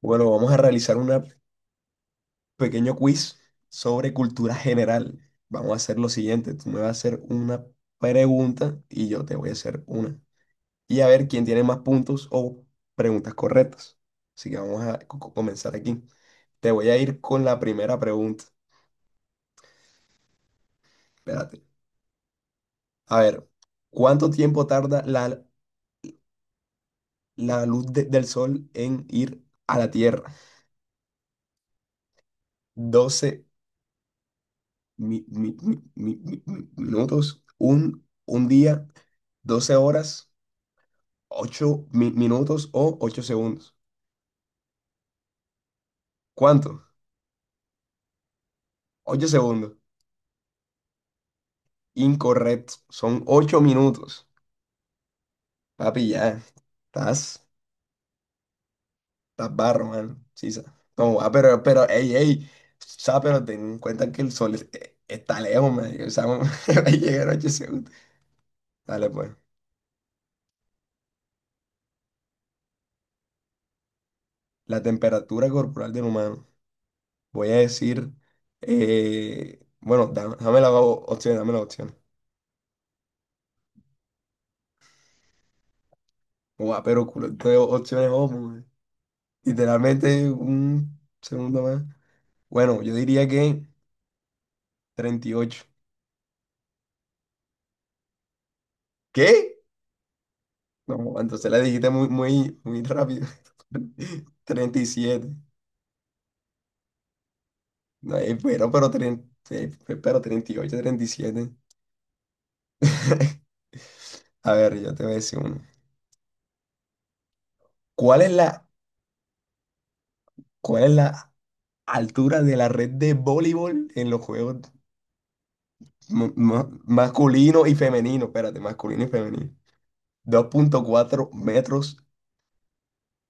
Bueno, vamos a realizar un pequeño quiz sobre cultura general. Vamos a hacer lo siguiente, tú me vas a hacer una pregunta y yo te voy a hacer una. Y a ver quién tiene más puntos o preguntas correctas. Así que vamos a comenzar aquí. Te voy a ir con la primera pregunta. Espérate. A ver, ¿cuánto tiempo tarda la luz del sol en ir a la Tierra? Doce minutos, un día, 12 horas, 8 minutos o 8 segundos. ¿Cuánto? Ocho segundos. Incorrecto. Son ocho minutos. Papi, ya. Estás, estás barro, man. Sí. No, pero, ey, ey. O sea, pero ten en cuenta que el sol está lejos, man. O sea, va a llegar a 8 segundos. Dale, pues. La temperatura corporal del humano. Voy a decir, bueno, dame la opción, dame la opción. Guau, pero culo, de opciones, oh, mu- literalmente un segundo más. Bueno, yo diría que treinta y ocho. ¿Qué? No, entonces la dijiste muy, muy, muy rápido. Treinta y siete. No, pero, pero 38, treinta y siete. A ver, yo te voy a decir uno. ¿Cuál es la, ¿cuál es la altura de la red de voleibol en los juegos? Masculino y femenino, espérate, masculino y femenino. Dos punto cuatro metros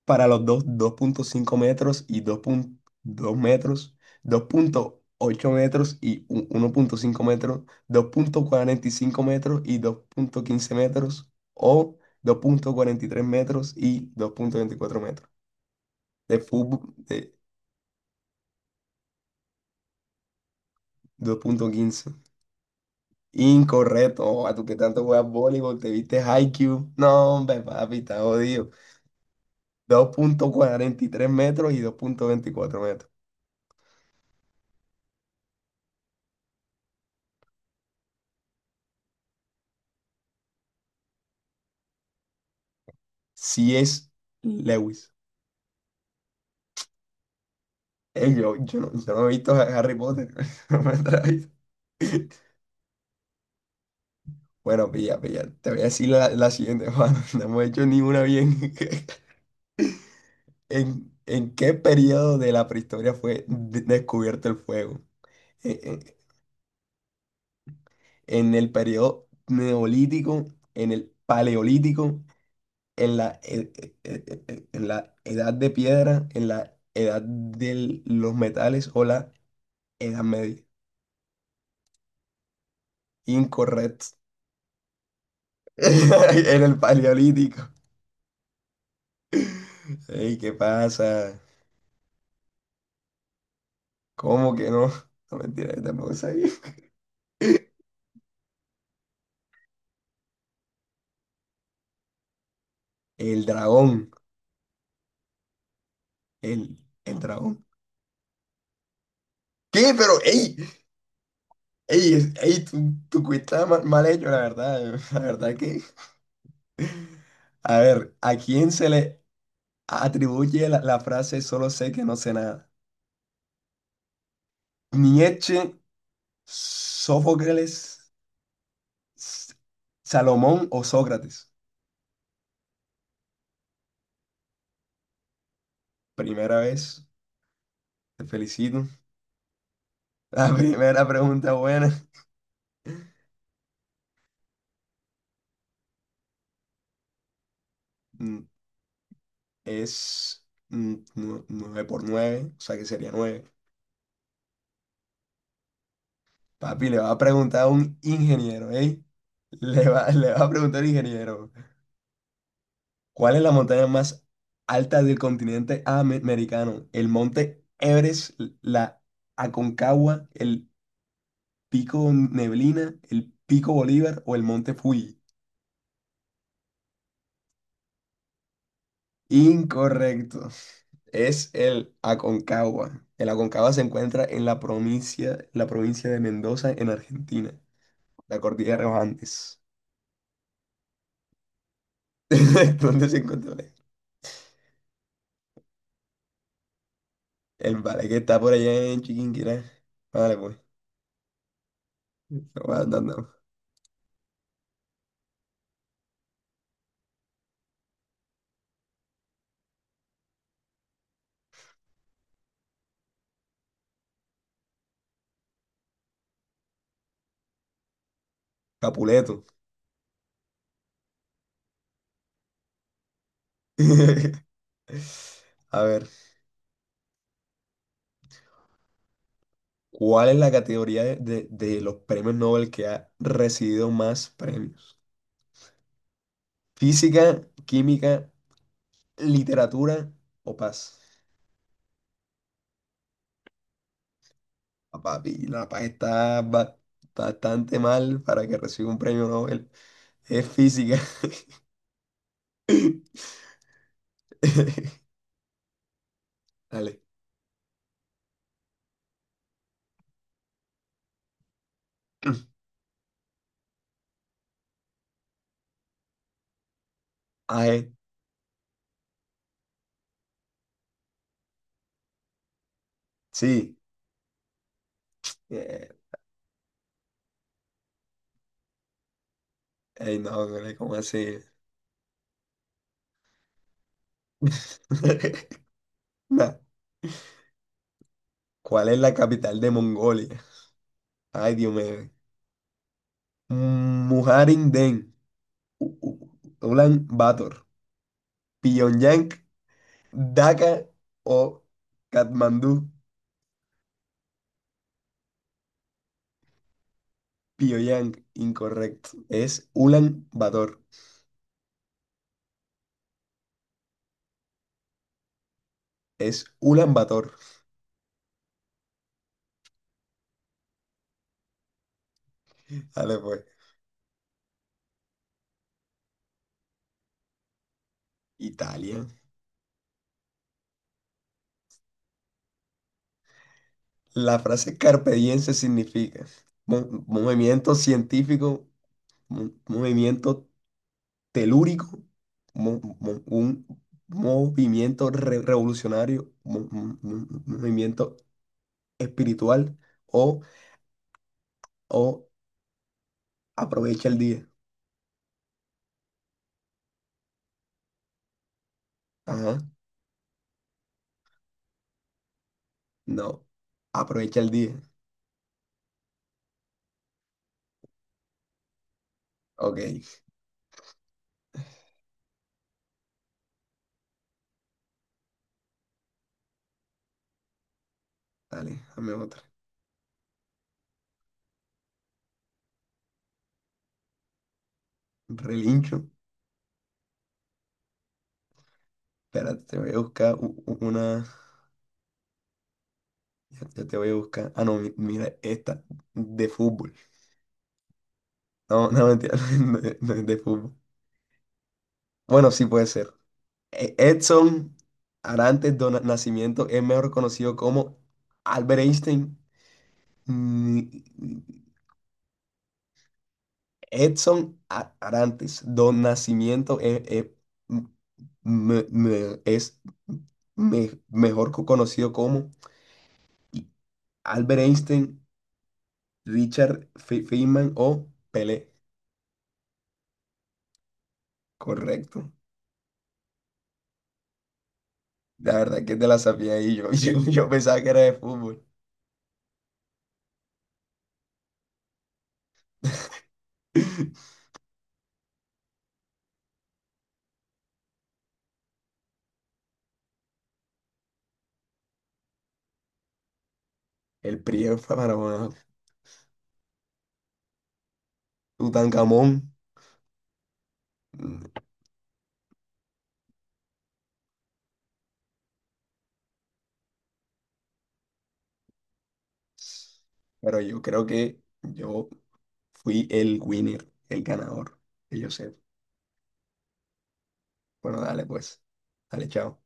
para los dos, dos punto cinco metros y dos punto dos metros, dos punto ocho metros y uno punto cinco metros, dos punto cuarenta y cinco metros y dos punto quince metros o dos punto cuarenta y tres metros y dos punto veinticuatro metros. De fútbol, de dos punto quince. Incorrecto. Oh, a tú que tanto juegas voleibol, te viste high. No, hombre, papi, está jodido. Dos punto cuarenta y tres metros y dos punto veinticuatro metros. Si es Lewis. Yo no, yo no he visto a Harry Potter. No me atrae. Bueno, pilla, pilla. Te voy a decir la siguiente, Juan. No hemos hecho ninguna bien. En qué periodo de la prehistoria fue descubierto el fuego? ¿En, en- en el periodo neolítico? ¿En el paleolítico? En la, e- e- e- e- en la edad de piedra, en la edad de los metales o la edad media. Incorrecto. En el paleolítico. Ey, ¿qué pasa? ¿Cómo que no? No mentira, yo tampoco sabía. El dragón. El, el dragón. ¿Qué? Pero, ey, ey, tu quiz está mal, mal hecho, la verdad. La verdad que. A ver, ¿a quién se le atribuye la frase solo sé que no sé nada? Nietzsche, Sófocles, S- Salomón o Sócrates. Primera vez, te felicito. La primera pregunta buena. Mm, es 9 por nueve, o sea que sería nueve. Papi, le va a preguntar a un ingeniero, ¿eh? Le va, le va a preguntar al ingeniero, ¿cuál es la montaña más alta del continente americano? ¿El monte Everest, la Aconcagua, el Pico Neblina, el Pico Bolívar o el Monte Fuji? Incorrecto. Es el Aconcagua. El Aconcagua se encuentra en la provincia de Mendoza, en Argentina, la cordillera de los Andes. ¿Dónde se encuentra? El vale que está por allá en Chiquinquirá. Vale, pues. Lo voy andando. Capuleto. A ver, ¿cuál es la categoría de, de los premios Nobel que ha recibido más premios? Física, química, literatura o paz. Ah, Papi, la paz está bastante mal para que reciba un premio Nobel. Es física. Dale. Ah, sí. Eh, ey, no, güey, ¿cómo así? Nah. ¿Cuál es la capital de Mongolia? Ay, Dios mío. Mujarindén, U- U- Ulan Bator, Pyongyang, Dhaka o Katmandú. Pyongyang, incorrecto. Es Ulan Bator. Es Ulan Bator. Dale pues. Italia. La frase carpe diem se significa movimiento científico, movimiento telúrico, un movimiento revolucionario, movimiento espiritual o, o aprovecha el día. Ajá. No. Aprovecha el día. Ok. Dale, dame otra. Relincho. Espérate, te voy a buscar una. Ya, ya te voy a buscar. Ah, no, mira, esta de fútbol. No, no, mentira, no es no es de fútbol. Bueno, sí puede ser. Edson Arantes do Nascimento es mejor conocido como Albert Einstein. Ni- Edson Arantes do Nascimento es me- me- es mejor conocido como Albert Einstein, Richard Feynman o Pelé. Correcto. La verdad que te la sabía y yo, yo pensaba que era de fútbol. El Priego fue para una Tutankamón. Mm, pero yo creo que yo fui el winner, el ganador, que yo sé. Bueno, dale pues. Dale, chao.